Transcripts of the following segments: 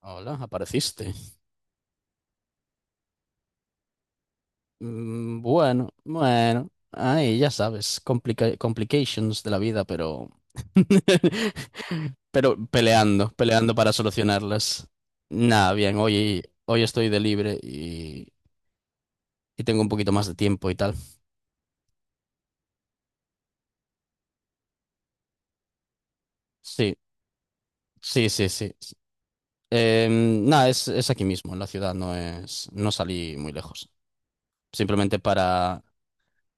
Hola, apareciste. Bueno, bueno, ahí ya sabes, complications de la vida, pero... pero peleando, peleando para solucionarlas. Nada, bien, hoy estoy de libre y tengo un poquito más de tiempo y tal. Sí, sí, sí, sí. Nada, es aquí mismo, en la ciudad, no salí muy lejos. Simplemente para...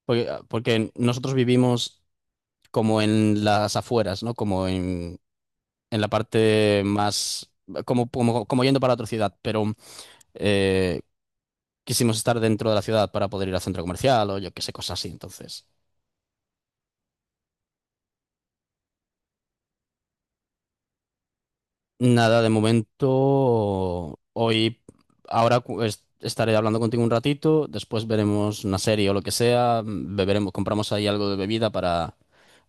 Porque, porque nosotros vivimos como en las afueras, ¿no? Como en la parte más, como yendo para otra ciudad, pero eh, quisimos estar dentro de la ciudad para poder ir al centro comercial o yo qué sé, cosas así. Entonces, nada, de momento, hoy, ahora estaré hablando contigo un ratito, después veremos una serie o lo que sea, beberemos, compramos ahí algo de bebida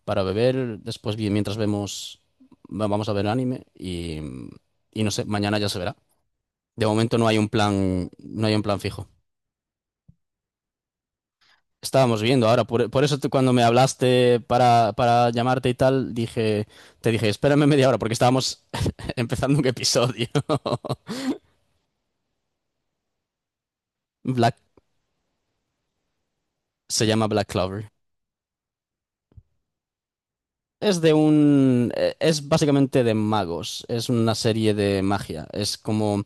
para beber, después mientras vemos, vamos a ver anime y no sé, mañana ya se verá. De momento no hay un plan, no hay un plan fijo. Estábamos viendo ahora, por eso tú cuando me hablaste para llamarte y tal, dije, te dije, espérame media hora porque estábamos empezando un episodio. Black, se llama Black Clover. Es de un, es básicamente de magos, es una serie de magia, es como,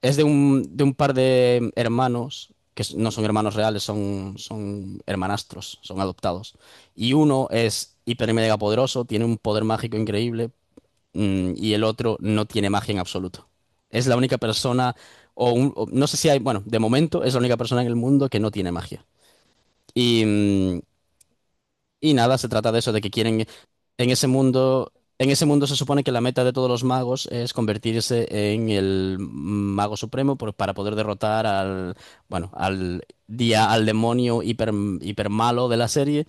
es de un par de hermanos, que no son hermanos reales, son, son hermanastros, son adoptados. Y uno es hiper y mega poderoso, tiene un poder mágico increíble, y el otro no tiene magia en absoluto. Es la única persona, o, o no sé si hay, bueno, de momento es la única persona en el mundo que no tiene magia. Y, y nada, se trata de eso, de que quieren, en ese mundo, en ese mundo se supone que la meta de todos los magos es convertirse en el mago supremo para poder derrotar al, bueno, al día, al demonio hiper, hiper malo de la serie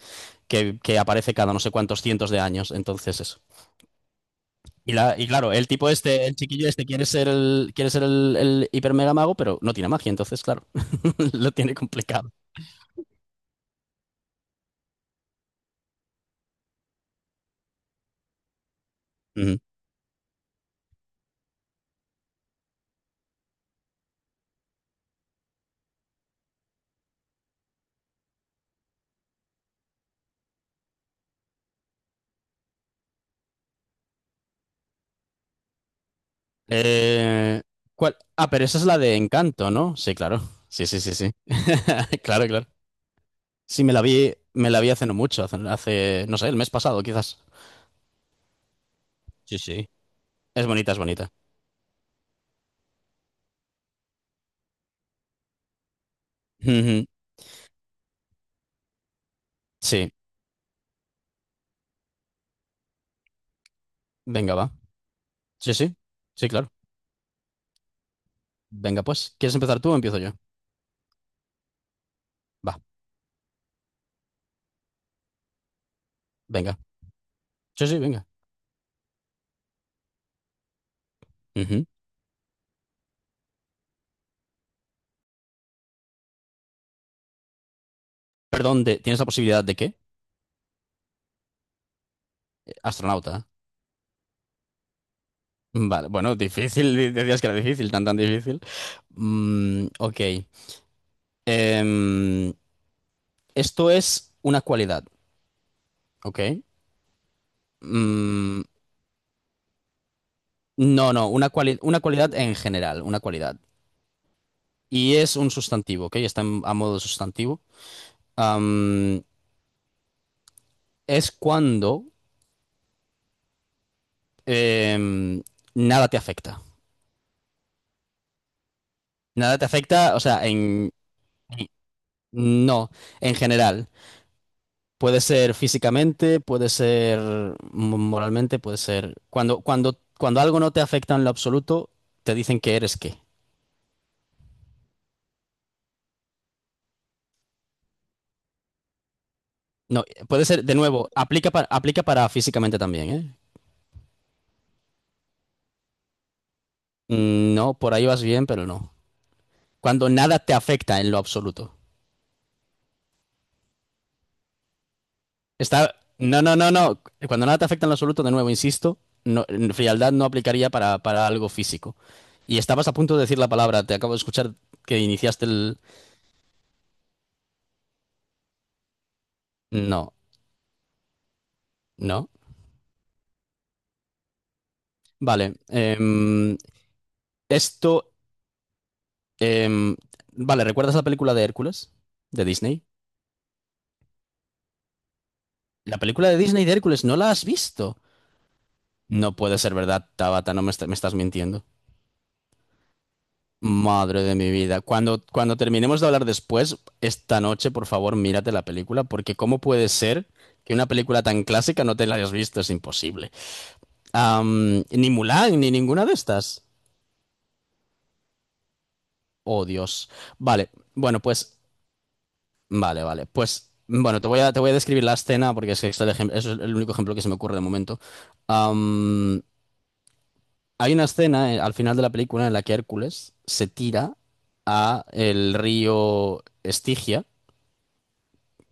que aparece cada no sé cuántos cientos de años. Entonces eso. Y, y claro, el tipo este, el chiquillo este quiere ser el hiper mega mago, pero no tiene magia, entonces, claro, lo tiene complicado. Ujú. Eh, ¿Cuál? Ah, pero esa es la de Encanto, ¿no? Sí, claro. Sí, sí, sí, sí. Claro, claro. Sí, me la vi hace no mucho, hace, hace, no sé, el mes pasado, quizás. Sí, sí. Es bonita, es bonita. Ujú. Sí, venga, va. Sí, sí. Sí, claro. Venga, pues. ¿Quieres empezar tú o empiezo yo? Va, venga. Sí, sí, venga. Ujú. Perdón, ¿tienes la posibilidad de qué? Astronauta. Vale, bueno, difícil, decías que era difícil, tan tan difícil. Ok. Em, esto es una cualidad, ¿ok? Mm, no, no, una una cualidad en general, una cualidad. Y es un sustantivo, ¿ok? Está a modo de sustantivo. Am, es cuando em, nada te afecta. Nada te afecta, o sea, en... No, en general. Puede ser físicamente, puede ser moralmente, puede ser... Cuando, cuando, cuando algo no te afecta en lo absoluto, te dicen que eres qué. No, puede ser, de nuevo, aplica para, aplica para físicamente también, ¿eh? No, por ahí vas bien, pero no. Cuando nada te afecta en lo absoluto. Está... No, no, no, no. Cuando nada te afecta en lo absoluto, de nuevo, insisto, no, en frialdad no aplicaría para algo físico. Y estabas a punto de decir la palabra, te acabo de escuchar que iniciaste el... No, no. Vale. Esto, em, vale, ¿recuerdas la película de Hércules de Disney? La película de Disney de Hércules, ¿no la has visto? No puede ser verdad, Tabata, no me, me estás mintiendo. Madre de mi vida. Cuando, cuando terminemos de hablar después, esta noche, por favor, mírate la película, porque ¿cómo puede ser que una película tan clásica no te la hayas visto? Es imposible. Ni Mulan, ni ninguna de estas. Oh, Dios. Vale, bueno, pues vale, vale. Pues bueno, te voy a describir la escena porque es que este es el es el único ejemplo que se me ocurre de momento. Am, hay una escena al final de la película en la que Hércules se tira a el río Estigia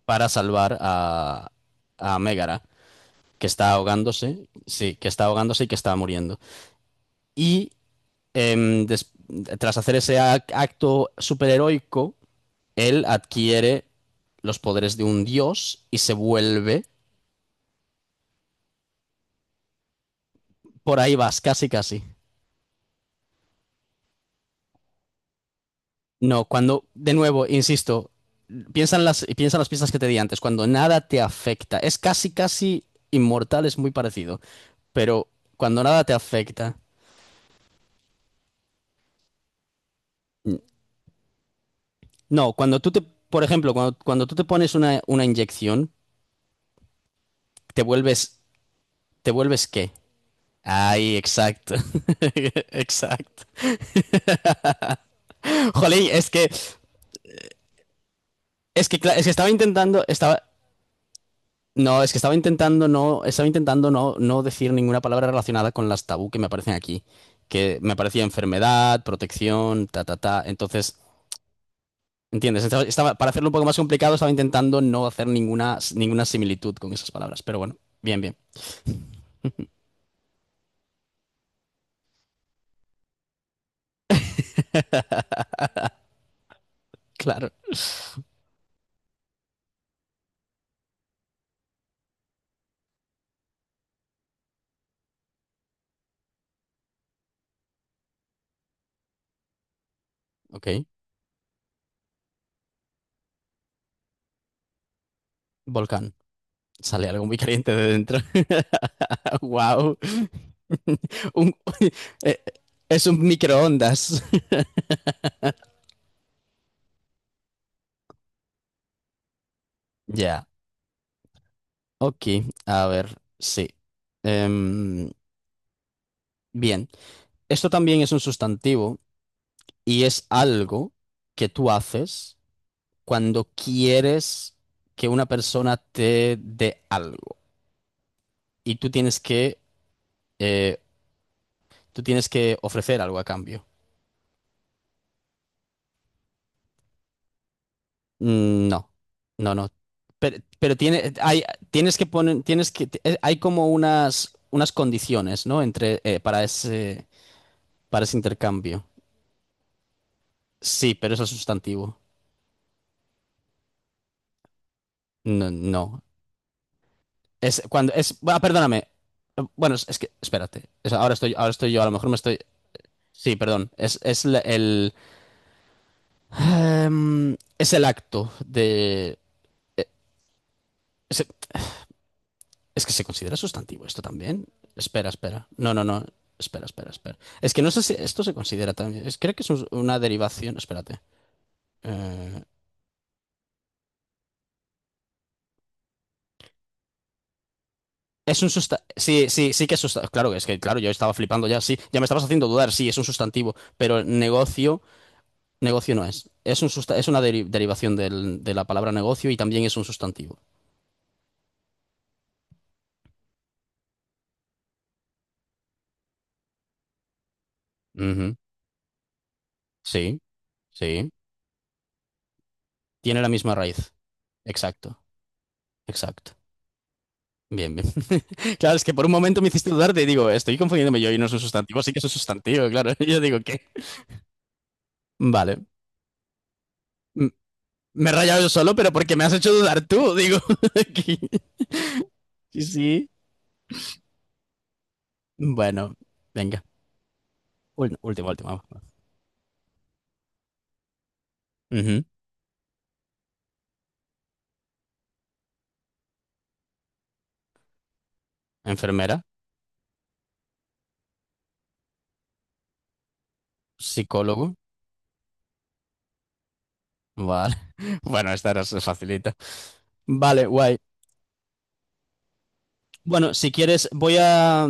para salvar a Mégara, que está ahogándose, sí, que está ahogándose y que está muriendo. Y em, des- tras hacer ese acto superheroico, él adquiere los poderes de un dios y se vuelve. Por ahí vas, casi, casi. No, cuando, de nuevo, insisto, piensa en las pistas que te di antes, cuando nada te afecta. Es casi, casi inmortal, es muy parecido, pero cuando nada te afecta. No, cuando tú te, por ejemplo, cuando, cuando tú te pones una inyección, te vuelves, ¿te vuelves qué? Ay, exacto. Exacto. Jolín, es que, es que, es que estaba intentando, estaba, no, es que estaba intentando no, no decir ninguna palabra relacionada con las tabú que me aparecen aquí, que me aparecía enfermedad, protección, ta, ta, ta. Entonces, ¿entiendes? Estaba, para hacerlo un poco más complicado, estaba intentando no hacer ninguna, ninguna similitud con esas palabras. Pero bueno, bien, bien. Claro. Ok. Volcán. Sale algo muy caliente de dentro. Wow. Un- eh, es un microondas. Ya. Ok, a ver, sí. Em, bien, esto también es un sustantivo y es algo que tú haces cuando quieres que una persona te dé algo y tú tienes que, eh, tú tienes que ofrecer algo a cambio. No, no, no. Pero tiene, hay, tienes que poner, tienes que, hay como unas, unas condiciones, ¿no? Entre, para ese intercambio. Sí, pero eso es sustantivo. No, no. Es cuando es. Ah, perdóname. Bueno, es que. Espérate. Ahora estoy yo, a lo mejor me estoy. Sí, perdón. Es, el. Es el acto de. eh, Es, es que se considera sustantivo esto también. Espera, espera. No, no, no. Espera, espera, espera. Es que no sé si esto se considera también. Creo que es una derivación. Espérate. Eh, es un sustantivo. Sí, sí, sí que es sustantivo. Claro, es que, claro, yo estaba flipando ya. Sí, ya me estabas haciendo dudar. Sí, es un sustantivo. Pero negocio. Negocio no es. Es un es una derivación de la palabra negocio y también es un sustantivo. Ujú. Sí, sí. Tiene la misma raíz. Exacto, exacto. Bien, bien. Claro, es que por un momento me hiciste dudar y digo, estoy confundiéndome yo y no es un sustantivo, sí que es un sustantivo, claro. Yo digo, ¿qué? Vale. M- me he rayado yo solo, pero porque me has hecho dudar tú, digo. aquí. Sí, sí. Bueno, venga. Última, última. Ujú. Enfermera, psicólogo. Vale. Bueno, esta era facilita. Vale, guay. Bueno, si quieres, voy a...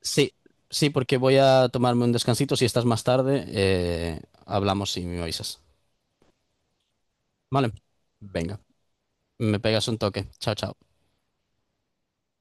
Sí, sí, porque voy a tomarme un descansito. Si estás más tarde, hablamos y me avisas. Vale, venga, me pegas un toque. Chao, chao.